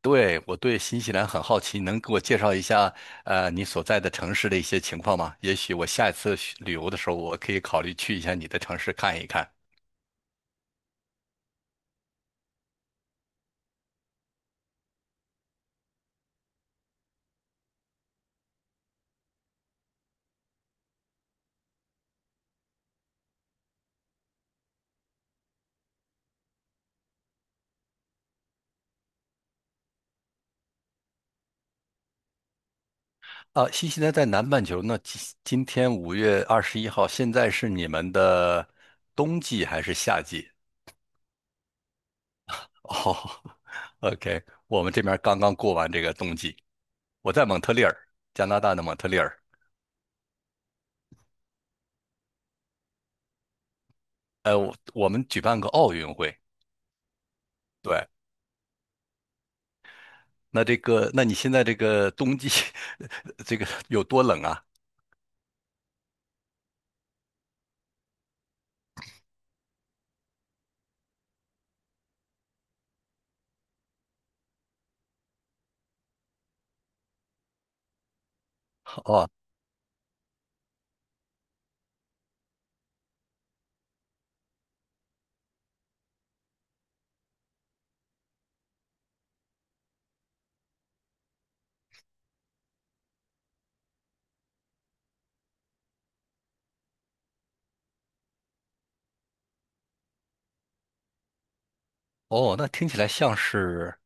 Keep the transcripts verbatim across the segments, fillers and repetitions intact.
对，我对新西兰很好奇，能给我介绍一下，呃，你所在的城市的一些情况吗？也许我下一次去旅游的时候，我可以考虑去一下你的城市看一看。啊，新西兰在南半球那今今天五月二十一号，现在是你们的冬季还是夏季？哦 ，OK，我们这边刚刚过完这个冬季，我在蒙特利尔，加拿大的蒙特利尔，呃，我我们举办个奥运会。对，那这个，那你现在这个冬季 这个有多冷啊？哦哦，那听起来像是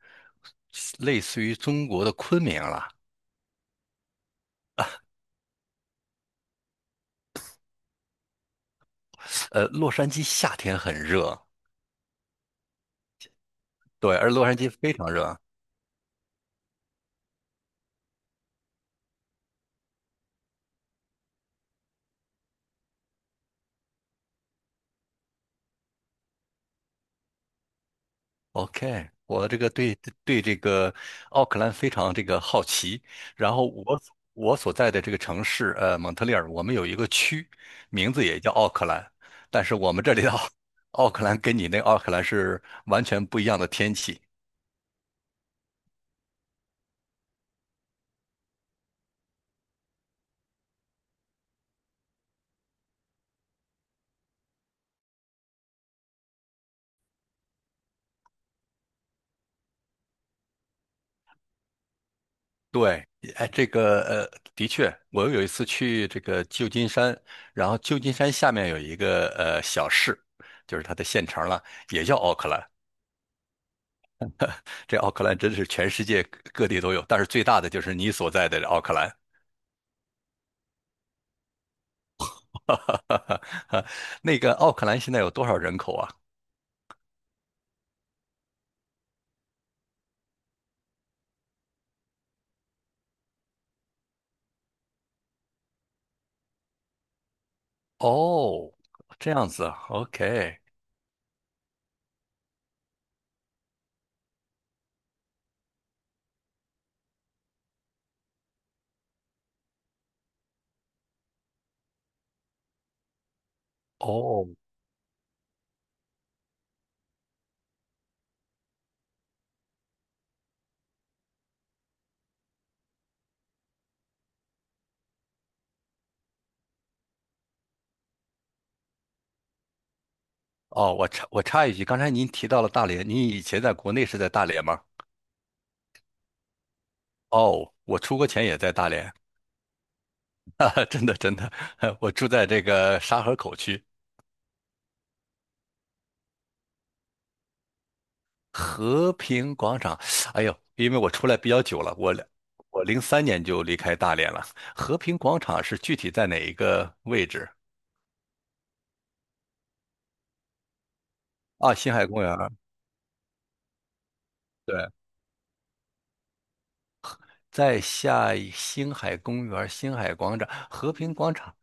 类似于中国的昆明了。呃，洛杉矶夏天很热，对，而洛杉矶非常热。OK，我这个对，对这个奥克兰非常这个好奇。然后我所我所在的这个城市，呃，蒙特利尔，我们有一个区，名字也叫奥克兰，但是我们这里的奥 奥克兰跟你那奥克兰是完全不一样的天气。对，哎，这个呃，的确，我有一次去这个旧金山，然后旧金山下面有一个呃小市，就是它的县城了，也叫奥克兰。这奥克兰真是全世界各地都有，但是最大的就是你所在的奥克兰。那个奥克兰现在有多少人口啊？哦，这样子啊，OK，哦哦，我插我插一句，刚才您提到了大连，您以前在国内是在大连吗？哦，我出国前也在大连。啊，真的真的，我住在这个沙河口区和平广场。哎呦，因为我出来比较久了，我两我零三年就离开大连了。和平广场是具体在哪一个位置？啊，星海公园儿对，在下一星海公园儿星海广场、和平广场，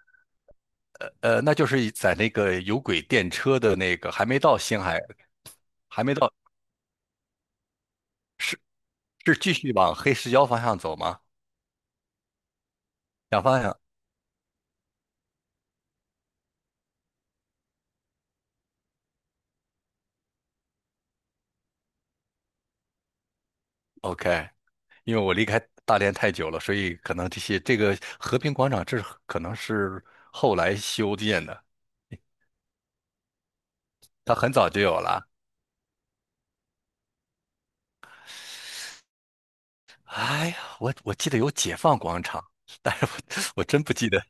呃，那就是在那个有轨电车的那个，还没到星海，还没到，是继续往黑石礁方向走吗？两方向，OK。因为我离开大连太久了，所以可能这些这个和平广场这是可能是后来修建的，它很早就有了。哎呀，我我记得有解放广场，但是我 我真不记得。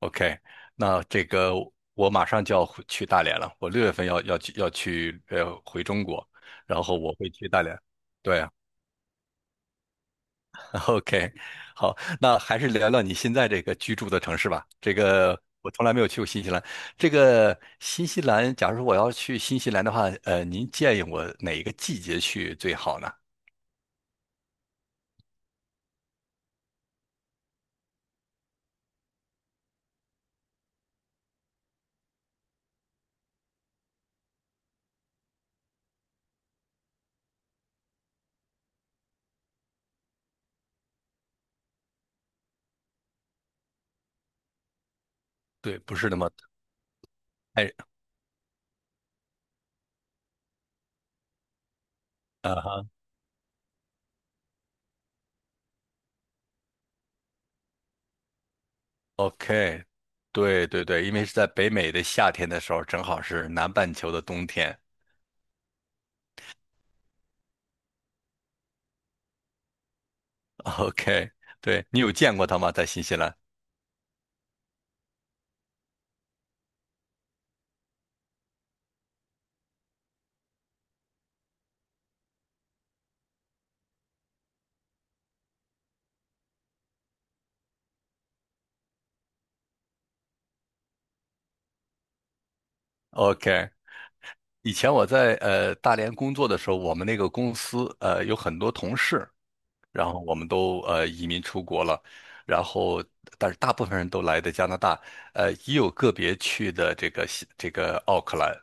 OK，那这个我马上就要回去大连了，我六月份要要去要去呃回中国，然后我会去大连。对啊，OK，好，那还是聊聊你现在这个居住的城市吧。这个我从来没有去过新西兰。这个新西兰，假如说我要去新西兰的话，呃，您建议我哪一个季节去最好呢？对，不是那么，太。啊哈，OK，对对对，因为是在北美的夏天的时候，正好是南半球的冬天。OK，对，你有见过他吗？在新西兰？OK，以前我在呃大连工作的时候，我们那个公司呃有很多同事。然后我们都呃移民出国了，然后但是大部分人都来的加拿大，呃，也有个别去的这个西这个奥克兰。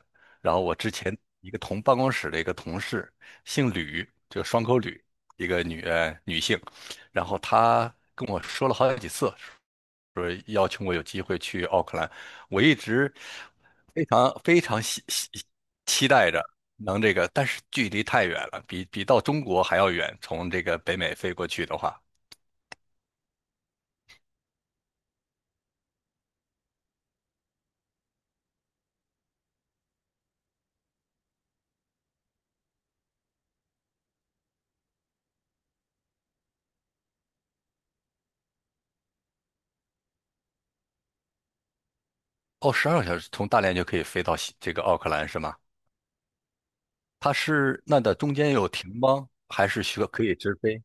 然后我之前一个同办公室的一个同事，姓吕，就双口吕，一个女呃女性，然后她跟我说了好几次，说邀请我有机会去奥克兰，我一直非常非常希希期待着能这个，但是距离太远了，比比到中国还要远。从这个北美飞过去的话，哦，十二个小时，从大连就可以飞到西这个奥克兰是吗？它是那的中间有停吗？还是需要可以直飞？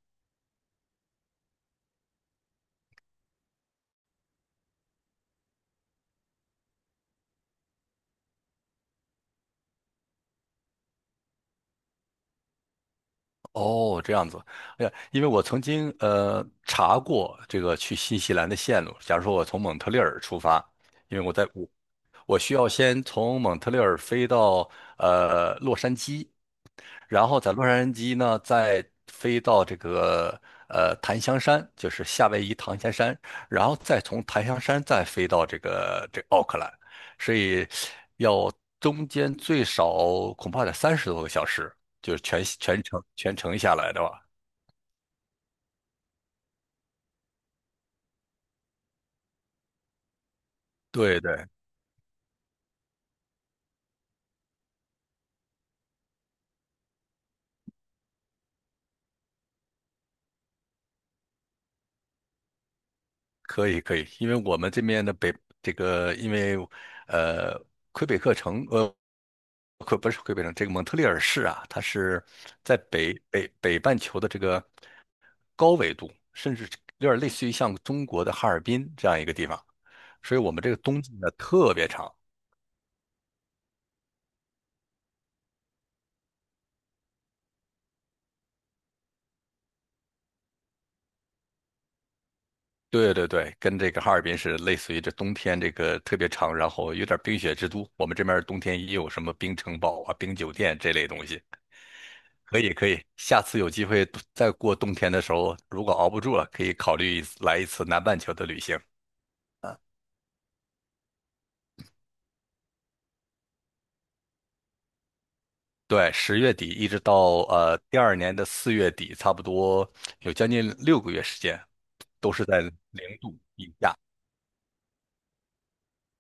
哦，这样子，哎呀，因为我曾经呃查过这个去新西兰的线路。假如说我从蒙特利尔出发，因为我在我我需要先从蒙特利尔飞到呃洛杉矶，然后在洛杉矶呢，再飞到这个呃檀香山，就是夏威夷檀香山，然后再从檀香山再飞到这个这个奥克兰，所以要中间最少恐怕得三十多个小时，就是全全程全程下来的吧。对对，可以可以，因为我们这边的北这个，因为呃，魁北克城呃，魁不是魁北克城，这个蒙特利尔市啊，它是在北北北半球的这个高纬度，甚至有点类似于像中国的哈尔滨这样一个地方，所以我们这个冬季呢特别长。对对对，跟这个哈尔滨是类似于这冬天这个特别长，然后有点冰雪之都。我们这边冬天也有什么冰城堡啊、冰酒店这类东西。可以可以，下次有机会再过冬天的时候，如果熬不住了，可以考虑一次来一次南半球的旅行。对，十月底一直到呃第二年的四月底，差不多有将近六个月时间，都是在零度以下。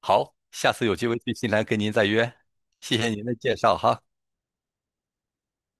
好，下次有机会去新西兰跟您再约，谢谢您的介绍哈。